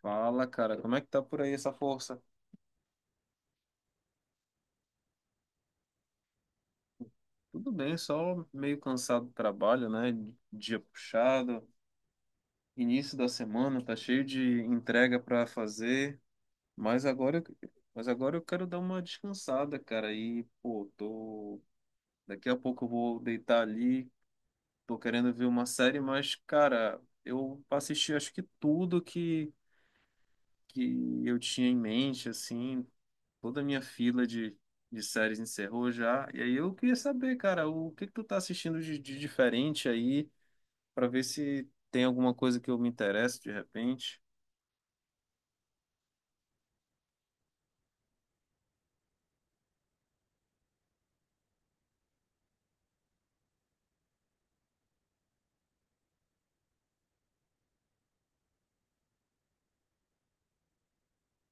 Fala, cara, como é que tá por aí essa força? Tudo bem, só meio cansado do trabalho, né? Dia puxado, início da semana, tá cheio de entrega pra fazer, mas agora, mas agora eu quero dar uma descansada, cara. E, pô, tô... Daqui a pouco eu vou deitar ali, tô querendo ver uma série, mas, cara, eu assisti acho que que eu tinha em mente, assim, toda a minha fila de séries encerrou já. E aí eu queria saber, cara, o que que tu tá assistindo de diferente aí, pra ver se tem alguma coisa que eu me interesso de repente.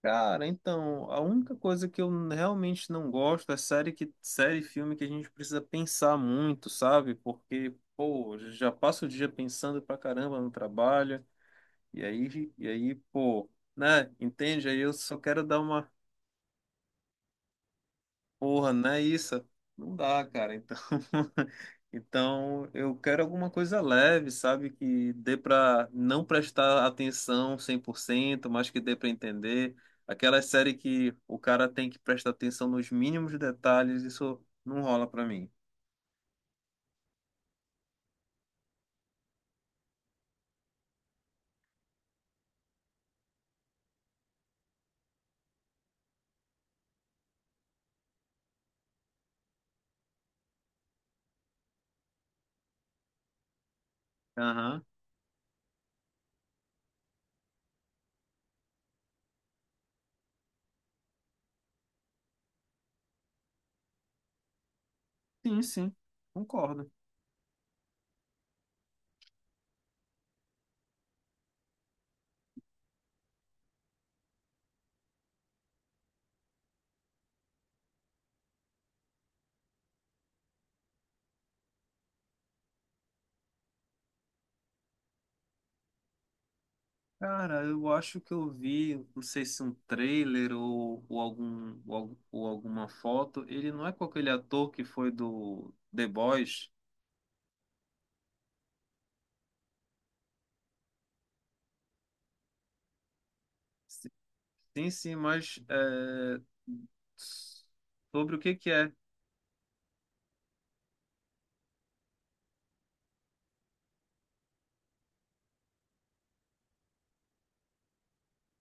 Cara, então, a única coisa que eu realmente não gosto é série e filme que a gente precisa pensar muito, sabe? Porque, pô, já passa o dia pensando pra caramba no trabalho. E aí, pô, né? Entende? Aí eu só quero dar uma... Porra, não é isso? Não dá, cara. Então, então eu quero alguma coisa leve, sabe? Que dê pra não prestar atenção 100%, mas que dê pra entender. Aquela série que o cara tem que prestar atenção nos mínimos detalhes, isso não rola pra mim. Aham. Sim, sim. Concordo. Cara, eu acho que eu vi, não sei se um trailer ou algum, ou alguma foto. Ele não é com aquele ator que foi do The Boys? Sim, sim, mas é, sobre o que que é?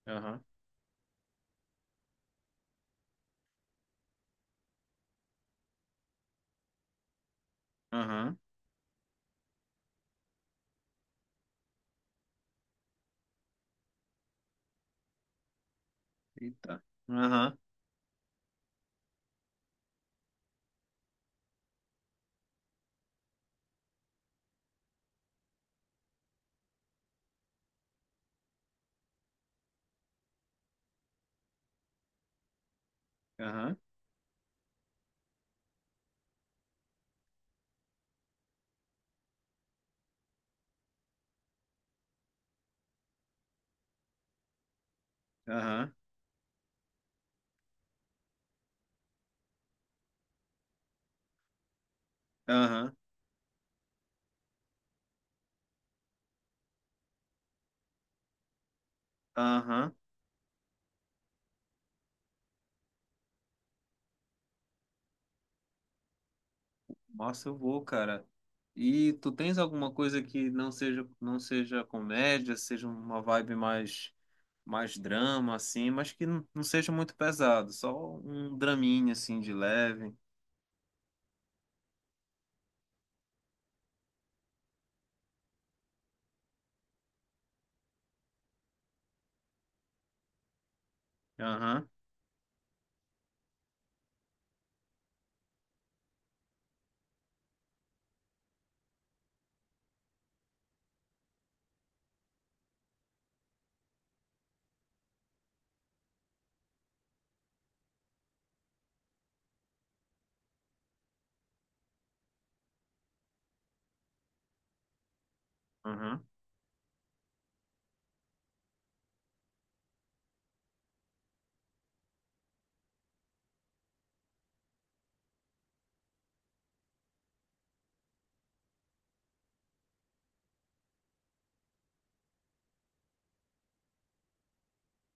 Aham, aham, eita, aham, aham, aham, aham, aham. Nossa, eu vou, cara. E tu tens alguma coisa que não seja comédia, seja uma vibe mais drama assim, mas que não seja muito pesado, só um draminha assim de leve. Aham, aham.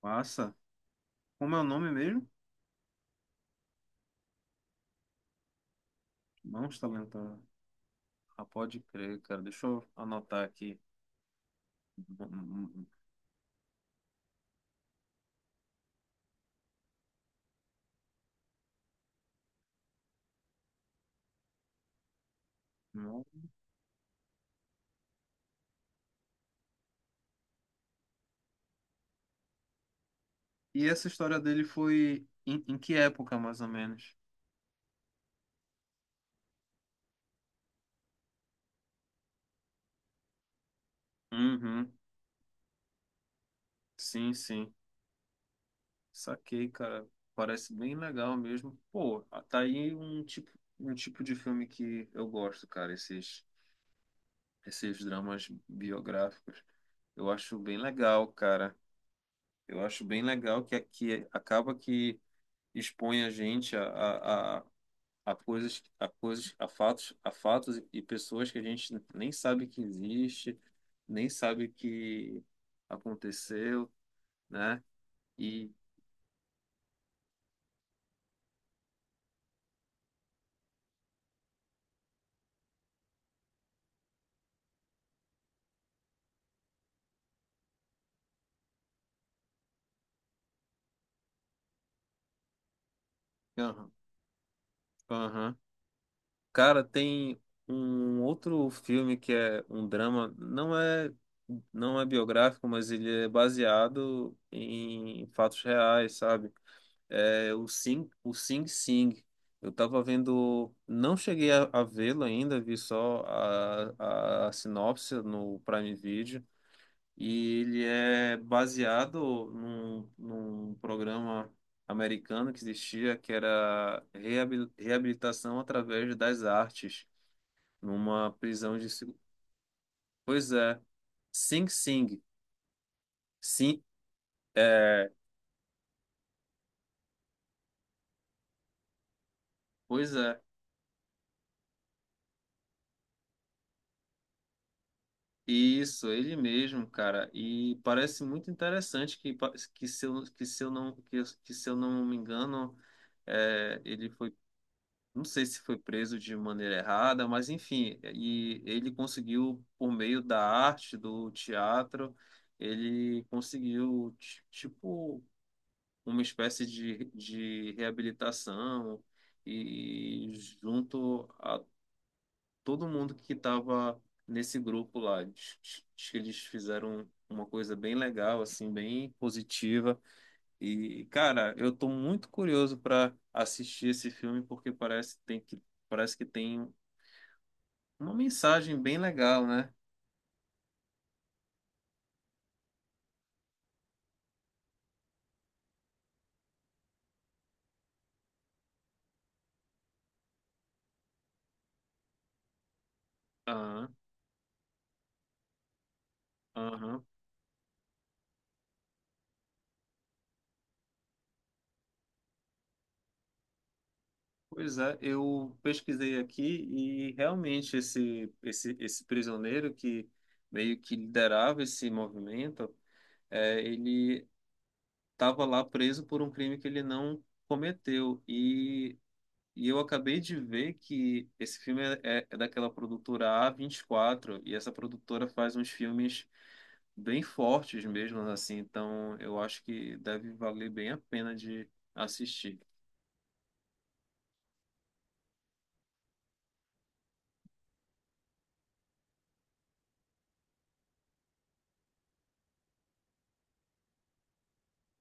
Massa. Como é o nome mesmo? Não está lento. Ah, pode crer, cara. Deixa eu anotar aqui. E essa história dele foi em que época, mais ou menos? Uhum. Sim, sim. Saquei, cara. Parece bem legal mesmo. Pô, tá aí um tipo, um tipo de filme que eu gosto, cara. Esses dramas biográficos. Eu acho bem legal, cara. Eu acho bem legal que acaba que expõe a gente a a coisas, a fatos e pessoas que a gente nem sabe que existe, nem sabe que aconteceu, né? E aham, aham. Cara, tem um outro filme que é um drama, não é biográfico, mas ele é baseado em fatos reais, sabe? É, o Sing Sing. Eu tava vendo, não cheguei a vê-lo ainda, vi só a sinopse no Prime Video. E ele é baseado num programa americano que existia, que era reabilitação através das artes, numa prisão de... Pois é, Sing Sing. Sim, é, pois é. Isso, ele mesmo, cara. E parece muito interessante que, pa- que se eu não, que, eu- que se eu não me engano, é, ele foi, não sei se foi preso de maneira errada, mas enfim, e ele conseguiu, por meio da arte, do teatro, ele conseguiu, tipo, uma espécie de reabilitação e junto a todo mundo que estava nesse grupo lá. Acho que eles fizeram uma coisa bem legal, assim, bem positiva. E, cara, eu tô muito curioso para assistir esse filme porque parece que tem uma mensagem bem legal, né? Aham, aham. Pois é, eu pesquisei aqui e realmente esse prisioneiro que meio que liderava esse movimento, é, ele estava lá preso por um crime que ele não cometeu. E eu acabei de ver que esse filme é daquela produtora A24, e quatro, e essa produtora faz uns filmes bem fortes mesmo, assim. Então eu acho que deve valer bem a pena de assistir.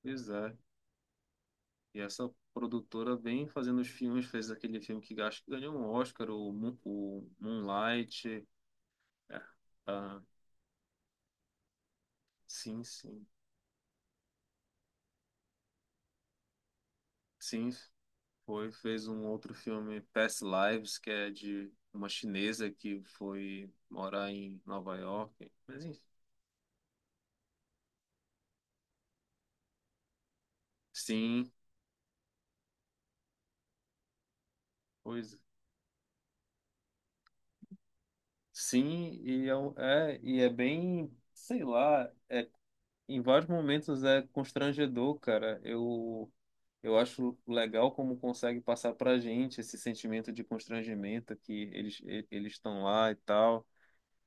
Pois é. E essa produtora vem fazendo os filmes, fez aquele filme que acho que ganhou um Oscar, o Moonlight. É, ah, sim, sim. Sim, foi, fez um outro filme, Past Lives, que é de uma chinesa que foi morar em Nova York. Mas enfim. Sim, pois. Sim, e é bem, sei lá, é, em vários momentos é constrangedor, cara. Eu acho legal como consegue passar pra gente esse sentimento de constrangimento que eles estão lá e tal.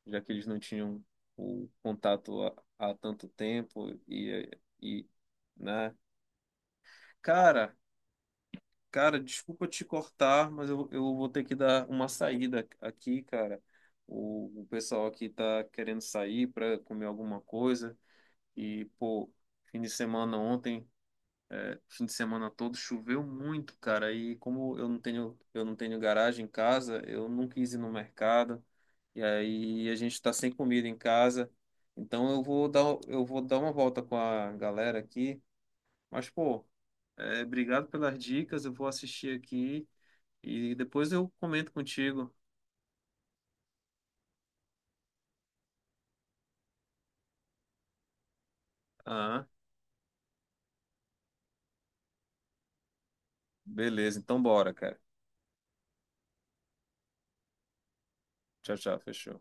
Já que eles não tinham o contato há tanto tempo e, né? Cara, cara, desculpa te cortar, mas eu vou ter que dar uma saída aqui, cara. O pessoal aqui tá querendo sair para comer alguma coisa e, pô, fim de semana ontem, é, fim de semana todo choveu muito, cara. E como eu não tenho garagem em casa, eu não quis ir no mercado. E aí a gente está sem comida em casa. Então eu vou dar, eu vou dar uma volta com a galera aqui. Mas, pô, é, obrigado pelas dicas. Eu vou assistir aqui e depois eu comento contigo. Ah, beleza. Então bora, cara. Tchau, tchau. Fechou.